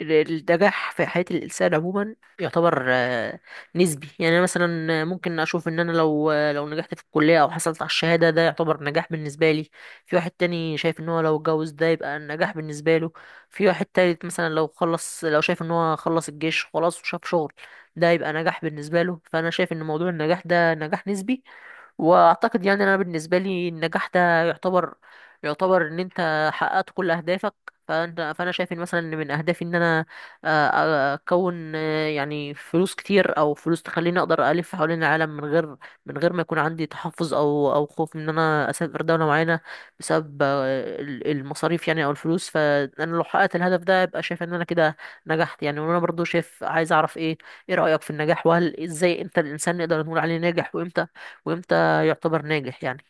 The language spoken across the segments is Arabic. النجاح في حياة الإنسان عموما يعتبر نسبي. يعني أنا مثلا ممكن أشوف إن أنا لو نجحت في الكلية أو حصلت على الشهادة ده يعتبر نجاح بالنسبة لي. في واحد تاني شايف إن هو لو اتجوز ده يبقى نجاح بالنسبة له. في واحد تالت مثلا لو شايف إن هو خلص الجيش خلاص وشاف شغل ده يبقى نجاح بالنسبة له. فأنا شايف إن موضوع النجاح ده نجاح نسبي، واعتقد يعني انا بالنسبه لي النجاح ده يعتبر يعتبر ان انت حققت كل اهدافك. فانا شايف ان مثلا إن من اهدافي ان انا آه، اكون يعني فلوس كتير او فلوس تخليني اقدر الف حوالين العالم من غير ما يكون عندي تحفظ او خوف ان انا اسافر دوله معينه بسبب المصاريف يعني او الفلوس. فانا لو حققت الهدف ده يبقى شايف ان انا كده نجحت يعني. وانا برضو شايف عايز اعرف ايه رايك في النجاح؟ وهل ازاي امتى الانسان نقدر نقول عليه ناجح؟ وامتى يعتبر ناجح يعني؟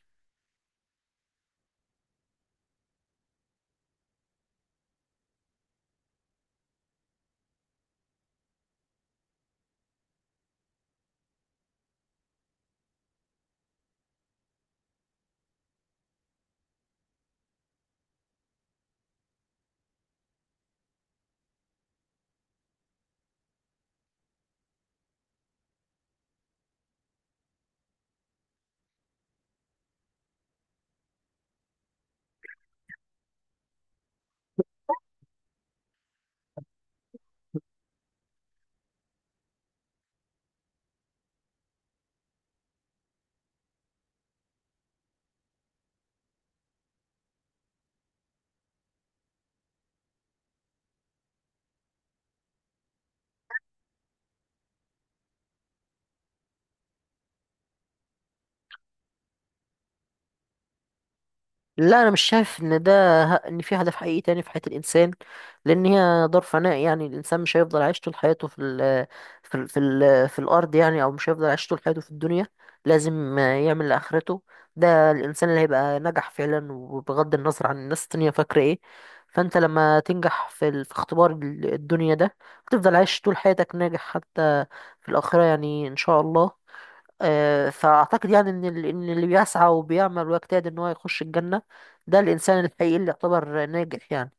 لا انا مش شايف ان في هدف حقيقي تاني في حياة الانسان، لان هي دار فناء. يعني الانسان مش هيفضل عايش طول حياته في الارض يعني، او مش هيفضل عايش طول حياته في الدنيا. لازم يعمل لاخرته، ده الانسان اللي هيبقى نجح فعلا. وبغض النظر عن الناس التانية فاكرة ايه، فانت لما تنجح في اختبار الدنيا ده هتفضل عايش طول حياتك ناجح حتى في الاخرة يعني ان شاء الله. فأعتقد يعني إن إن اللي بيسعى وبيعمل ويجتهد إن هو يخش الجنة ده الإنسان الحقيقي اللي يعتبر ناجح يعني.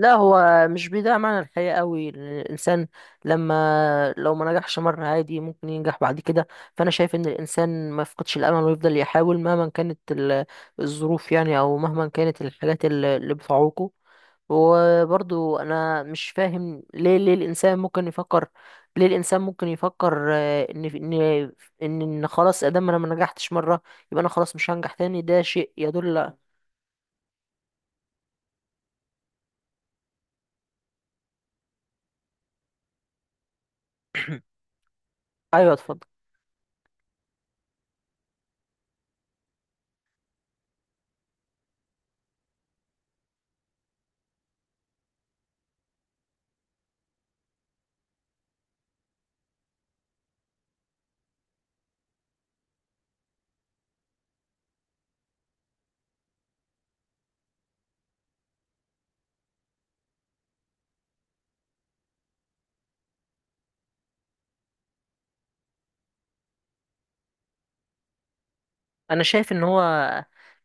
لا هو مش بيضيع معنى الحياة قوي. الإنسان لما لو ما نجحش مرة عادي ممكن ينجح بعد كده. فأنا شايف إن الإنسان ما يفقدش الأمل ويفضل يحاول مهما كانت الظروف يعني، أو مهما كانت الحاجات اللي بتعوقه. وبرضو انا مش فاهم ليه الانسان ممكن يفكر، ليه الانسان ممكن يفكر آه، ان ان ان إن خلاص ادام انا ما نجحتش مره يبقى انا خلاص مش هنجح تاني؟ ده شيء يدل. ايوه اتفضل. انا شايف ان هو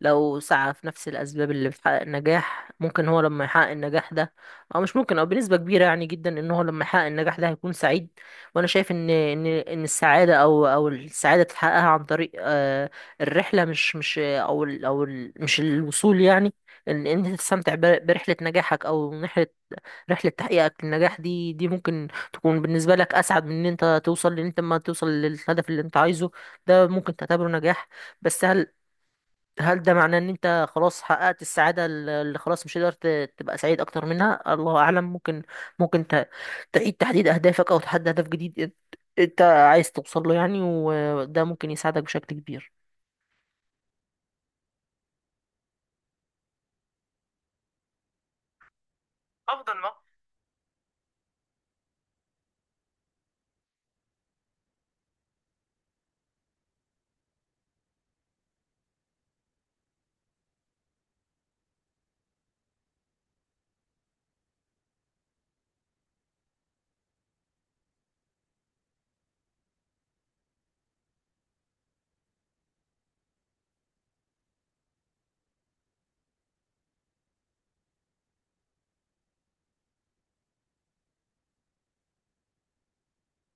لو سعى في نفس الاسباب اللي بتحقق النجاح، ممكن هو لما يحقق النجاح ده، او مش ممكن، او بنسبه كبيره يعني جدا ان هو لما يحقق النجاح ده هيكون سعيد. وانا شايف ان السعاده او او السعاده تحققها عن طريق الرحله، مش مش او ال او ال مش الوصول يعني. ان انت تستمتع برحله نجاحك، او رحله تحقيقك للنجاح دي ممكن تكون بالنسبه لك اسعد من ان انت توصل. لان انت ما توصل للهدف اللي انت عايزه ده ممكن تعتبره نجاح. بس هل ده معناه ان انت خلاص حققت السعادة اللي خلاص مش هتقدر تبقى سعيد اكتر منها؟ الله اعلم. ممكن تعيد تحديد اهدافك، او تحدد هدف جديد إنت عايز توصل له يعني، وده ممكن يساعدك بشكل كبير.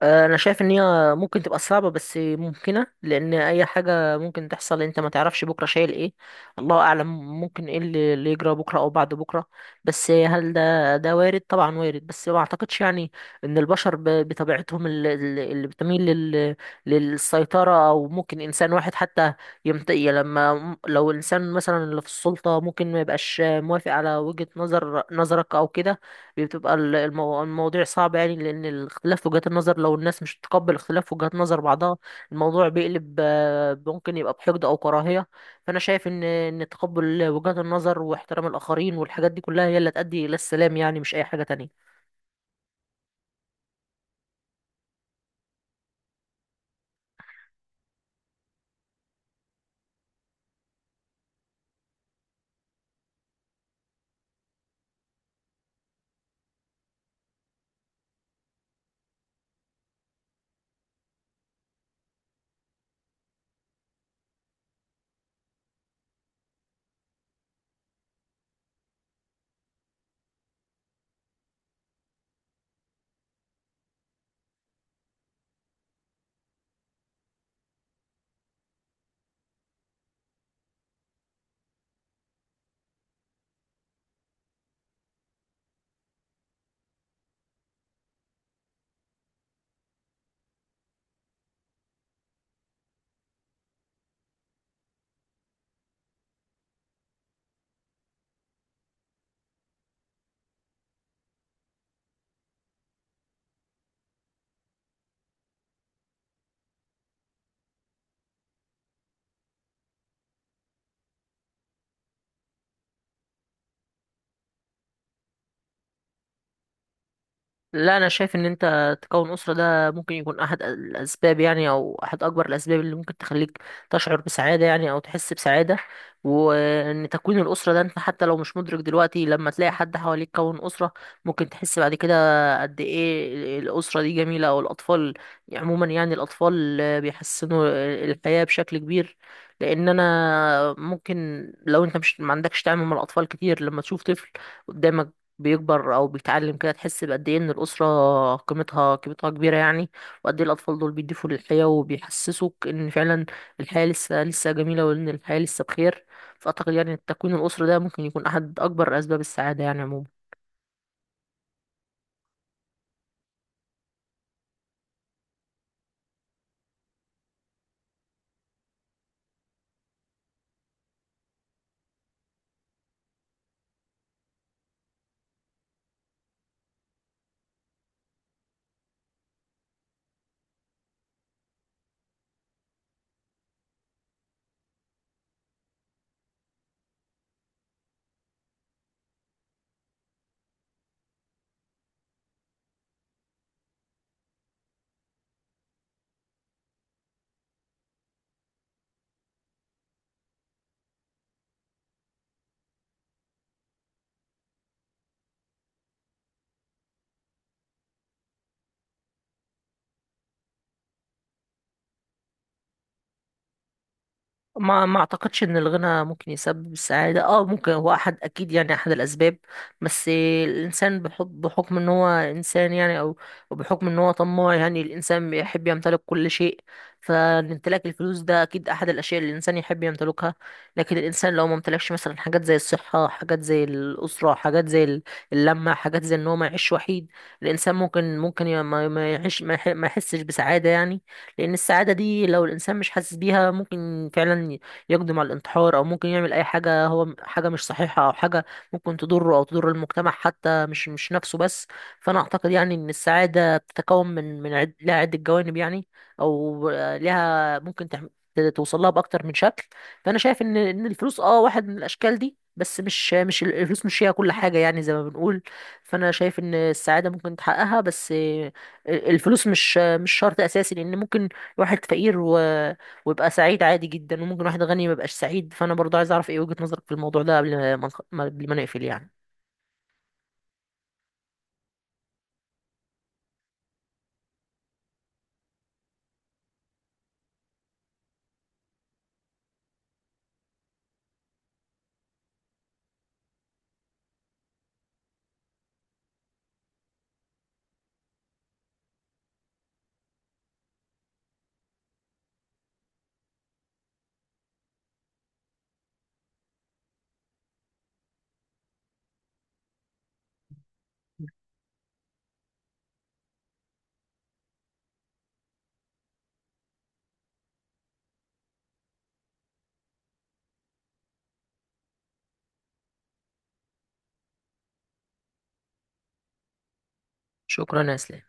انا شايف ان هي ممكن تبقى صعبه بس ممكنه، لان اي حاجه ممكن تحصل. انت ما تعرفش بكره شايل ايه، الله اعلم ممكن ايه اللي يجرى بكره او بعد بكره. بس هل ده وارد؟ طبعا وارد. بس ما اعتقدش يعني ان البشر بطبيعتهم اللي بتميل للسيطره، او ممكن انسان واحد حتى لما لو الانسان مثلا اللي في السلطه ممكن ما يبقاش موافق على وجهه نظرك او كده، بتبقى المواضيع صعبة يعني. لأن الاختلاف في وجهات النظر لو الناس مش تتقبل اختلاف في وجهات نظر بعضها الموضوع بيقلب، ممكن يبقى بحقد أو كراهية. فأنا شايف إن تقبل وجهات النظر واحترام الآخرين والحاجات دي كلها هي اللي هتؤدي إلى السلام يعني، مش أي حاجة تانية. لا انا شايف ان انت تكون اسره ده ممكن يكون احد الاسباب يعني، او احد اكبر الاسباب اللي ممكن تخليك تشعر بسعاده يعني او تحس بسعاده. وان تكوين الاسره ده انت حتى لو مش مدرك دلوقتي لما تلاقي حد حواليك كون اسره ممكن تحس بعد كده قد ايه الاسره دي جميله، او الاطفال عموما يعني. الاطفال بيحسنوا الحياه بشكل كبير، لان انا ممكن لو انت مش ما عندكش تعامل مع الاطفال كتير، لما تشوف طفل قدامك بيكبر او بيتعلم كده تحس بقد ايه ان الاسره قيمتها كبيره يعني. وقد ايه الاطفال دول بيضيفوا للحياه وبيحسسوك ان فعلا الحياه لسه لسه جميله وان الحياه لسه بخير. فاعتقد يعني التكوين الاسري ده ممكن يكون احد اكبر اسباب السعاده يعني عموما. ما اعتقدش ان الغنى ممكن يسبب السعاده. اه ممكن هو احد، اكيد يعني احد الاسباب، بس الانسان بحكم ان هو انسان يعني، او بحكم ان هو طماع، يعني الانسان بيحب يمتلك كل شيء. فامتلاك الفلوس ده اكيد احد الاشياء اللي الانسان يحب يمتلكها. لكن الانسان لو ما امتلكش مثلا حاجات زي الصحه، حاجات زي الاسره، حاجات زي اللمه، حاجات زي ان هو ما يعيش وحيد، الانسان ممكن ي- ما ما يعيش ما يح- ما يحسش بسعاده يعني. لأن السعادة دي لو الإنسان مش حاسس بيها ممكن فعلا يقدم على الانتحار، أو ممكن يعمل أي حاجة هو حاجة مش صحيحة، أو حاجة ممكن تضره أو تضر المجتمع حتى، مش نفسه بس. فأنا أعتقد يعني إن السعادة بتتكون لها عدة جوانب يعني، أو لها ممكن توصل لها بأكتر من شكل. فأنا شايف إن الفلوس أه واحد من الأشكال دي، بس مش الفلوس مش هي كل حاجة يعني زي ما بنقول. فأنا شايف إن السعادة ممكن تحققها، بس الفلوس مش شرط اساسي. لان ممكن واحد فقير ويبقى سعيد عادي جدا، وممكن واحد غني ما يبقاش سعيد. فانا برضه عايز اعرف ايه وجهة نظرك في الموضوع ده قبل ما نقفل يعني. شكرا يا اسلام.